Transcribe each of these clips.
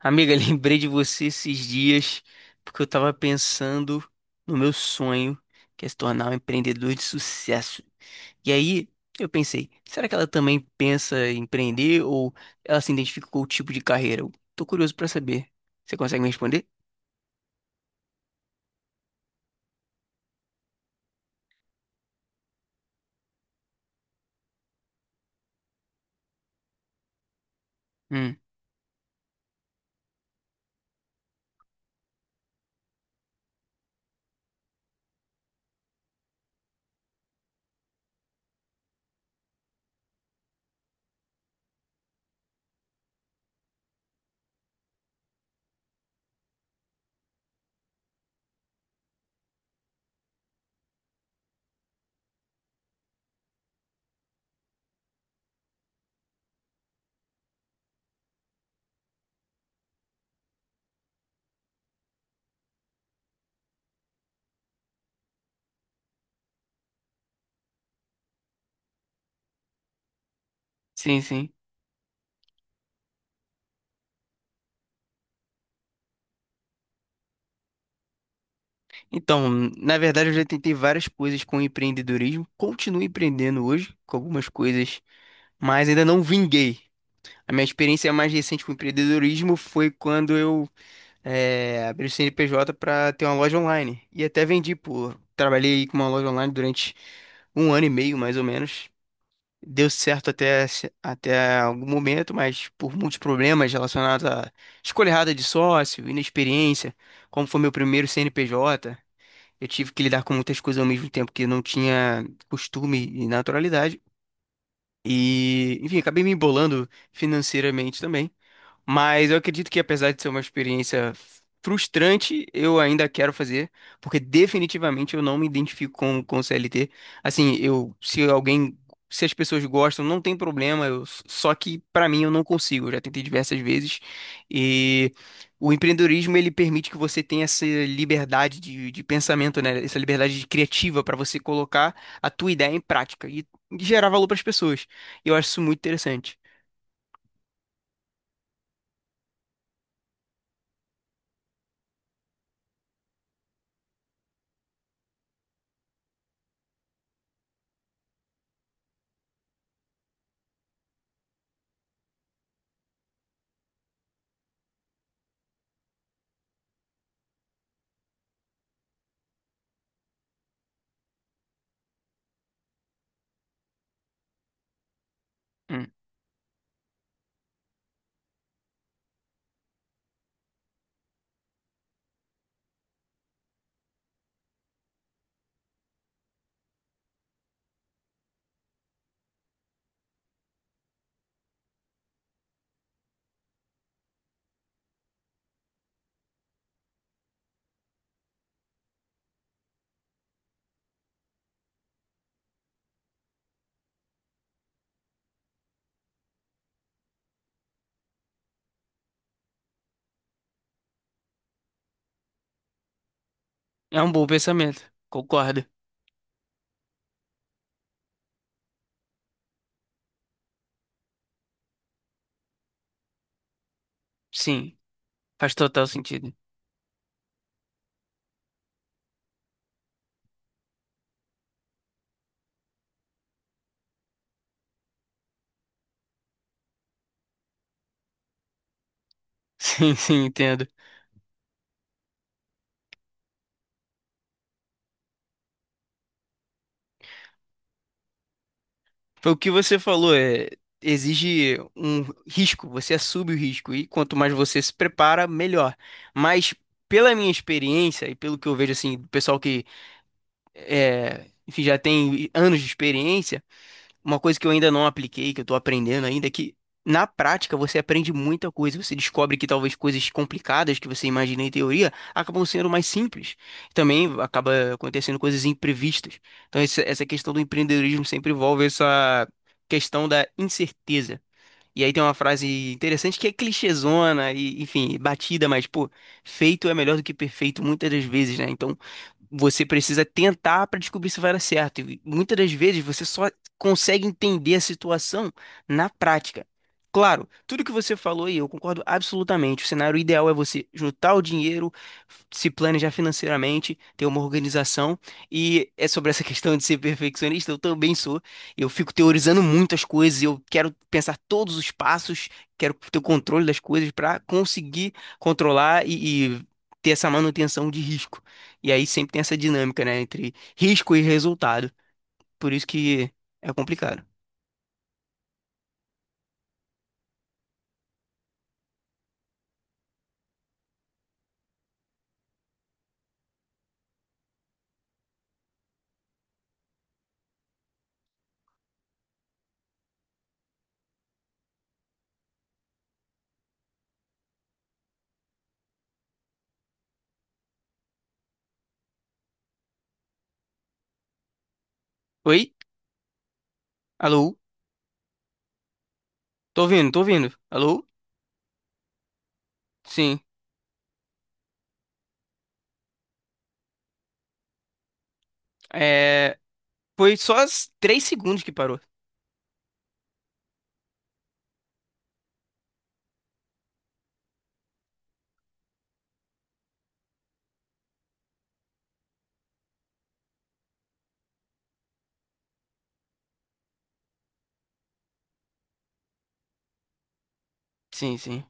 Amiga, lembrei de você esses dias porque eu tava pensando no meu sonho, que é se tornar um empreendedor de sucesso. E aí eu pensei, será que ela também pensa em empreender ou ela se identifica com o tipo de carreira? Eu tô curioso pra saber. Você consegue me responder? Hum, sim, sim. Então, na verdade, eu já tentei várias coisas com empreendedorismo. Continuo empreendendo hoje com algumas coisas, mas ainda não vinguei. A minha experiência mais recente com empreendedorismo foi quando eu abri o CNPJ para ter uma loja online. E até vendi, pô. Trabalhei com uma loja online durante um ano e meio, mais ou menos. Deu certo até, até algum momento, mas por muitos problemas relacionados à escolha errada de sócio, inexperiência, como foi meu primeiro CNPJ, eu tive que lidar com muitas coisas ao mesmo tempo que eu não tinha costume e naturalidade. E, enfim, acabei me embolando financeiramente também. Mas eu acredito que, apesar de ser uma experiência frustrante, eu ainda quero fazer, porque definitivamente eu não me identifico com o CLT. Assim, eu, se alguém, se as pessoas gostam, não tem problema, eu, só que pra mim eu não consigo. Eu já tentei diversas vezes. E o empreendedorismo, ele permite que você tenha essa liberdade de pensamento, né? Essa liberdade criativa para você colocar a tua ideia em prática e gerar valor para as pessoas. E eu acho isso muito interessante. Hum. É um bom pensamento. Concordo. Sim, faz total sentido. Sim, sim, entendo. Foi O que você falou é exige um risco, você assume o risco e quanto mais você se prepara, melhor. Mas pela minha experiência e pelo que eu vejo assim, do pessoal que enfim, já tem anos de experiência. Uma coisa que eu ainda não apliquei, que eu tô aprendendo ainda, é que na prática você aprende muita coisa. Você descobre que talvez coisas complicadas que você imagina em teoria acabam sendo mais simples. Também acaba acontecendo coisas imprevistas. Então, essa questão do empreendedorismo sempre envolve essa questão da incerteza. E aí tem uma frase interessante que é clichêzona e, enfim, batida, mas, pô, feito é melhor do que perfeito muitas das vezes, né? Então, você precisa tentar para descobrir se vai dar certo. E muitas das vezes você só consegue entender a situação na prática. Claro, tudo que você falou aí, eu concordo absolutamente. O cenário ideal é você juntar o dinheiro, se planejar financeiramente, ter uma organização. E é sobre essa questão de ser perfeccionista, eu também sou. Eu fico teorizando muitas coisas, eu quero pensar todos os passos, quero ter o controle das coisas para conseguir controlar e ter essa manutenção de risco. E aí sempre tem essa dinâmica, né, entre risco e resultado. Por isso que é complicado. Oi? Alô? Tô ouvindo, tô ouvindo. Alô? Sim. É... Foi só as 3 segundos que parou. Sim, sim.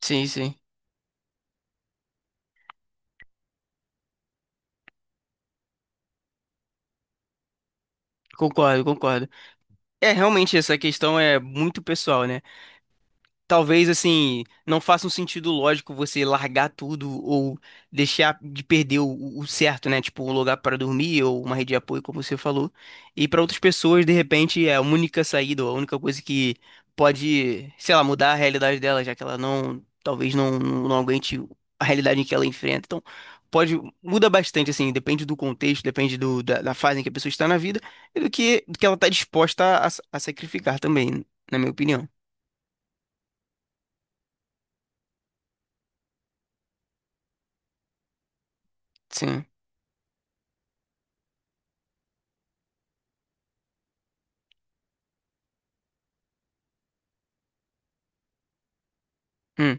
Sim, sim. Concordo, concordo. É, realmente essa questão é muito pessoal, né? Talvez assim não faça um sentido lógico você largar tudo ou deixar de perder o certo, né? Tipo, um lugar para dormir ou uma rede de apoio, como você falou. E para outras pessoas, de repente, é a única saída, ou a única coisa que pode, sei lá, mudar a realidade dela, já que ela não, talvez não, não aguente a realidade em que ela enfrenta. Então, pode, muda bastante assim, depende do contexto, depende da fase em que a pessoa está na vida e do que ela está disposta a sacrificar também, na minha opinião. Sim. Hum.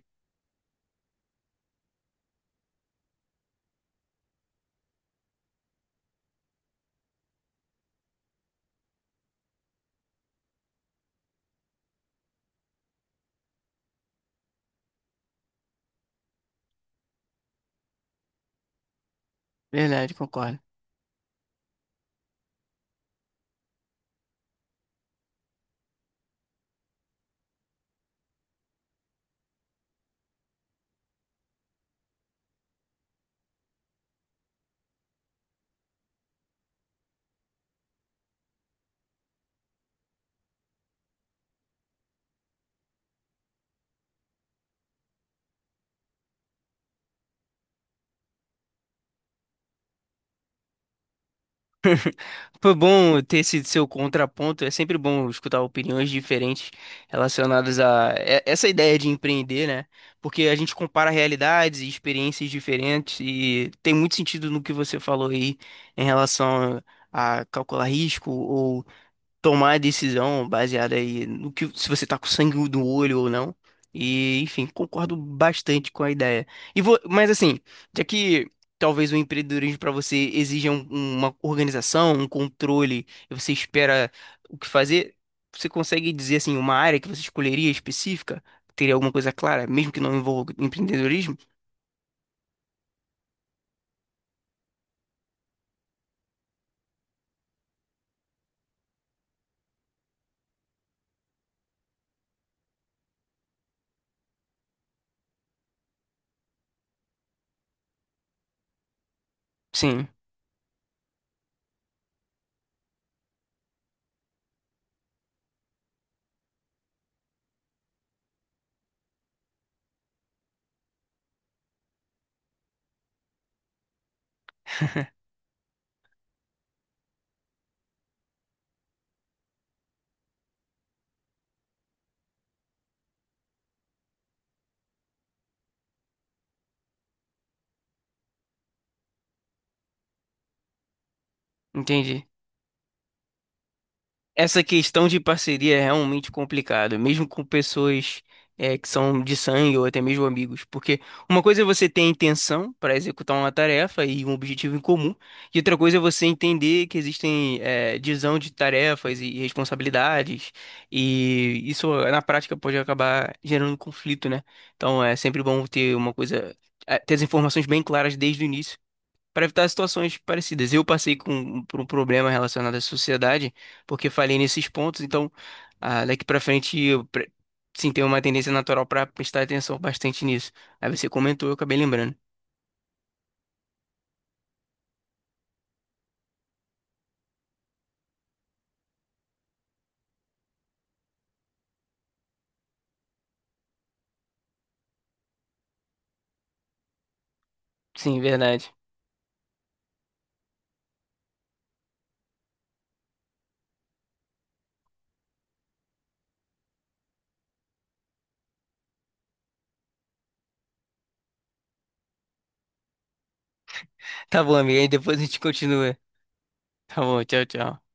Verdade, concordo. Foi bom ter esse seu contraponto. É sempre bom escutar opiniões diferentes relacionadas a essa ideia de empreender, né? Porque a gente compara realidades e experiências diferentes e tem muito sentido no que você falou aí em relação a calcular risco, tomar a decisão baseada aí no que se você tá com sangue do olho ou não. E, enfim, concordo bastante com a ideia. E vou, mas assim, já que talvez o empreendedorismo para você exija uma organização, um controle, e você espera o que fazer, você consegue dizer assim uma área que você escolheria específica? Teria alguma coisa clara, mesmo que não envolva empreendedorismo? Sim, entendi. Essa questão de parceria é realmente complicada, mesmo com pessoas que são de sangue ou até mesmo amigos, porque uma coisa é você ter a intenção para executar uma tarefa e um objetivo em comum, e outra coisa é você entender que existem divisão de tarefas e responsabilidades, e isso na prática pode acabar gerando um conflito, né? Então é sempre bom ter uma coisa, ter as informações bem claras desde o início para evitar situações parecidas. Eu passei por um problema relacionado à sociedade, porque falhei nesses pontos, então ah, daqui para frente eu sim tenho uma tendência natural para prestar atenção bastante nisso. Aí você comentou, eu acabei lembrando. Sim, verdade. Tá bom, amiga, aí depois a gente continua. Tá bom, tchau, tchau.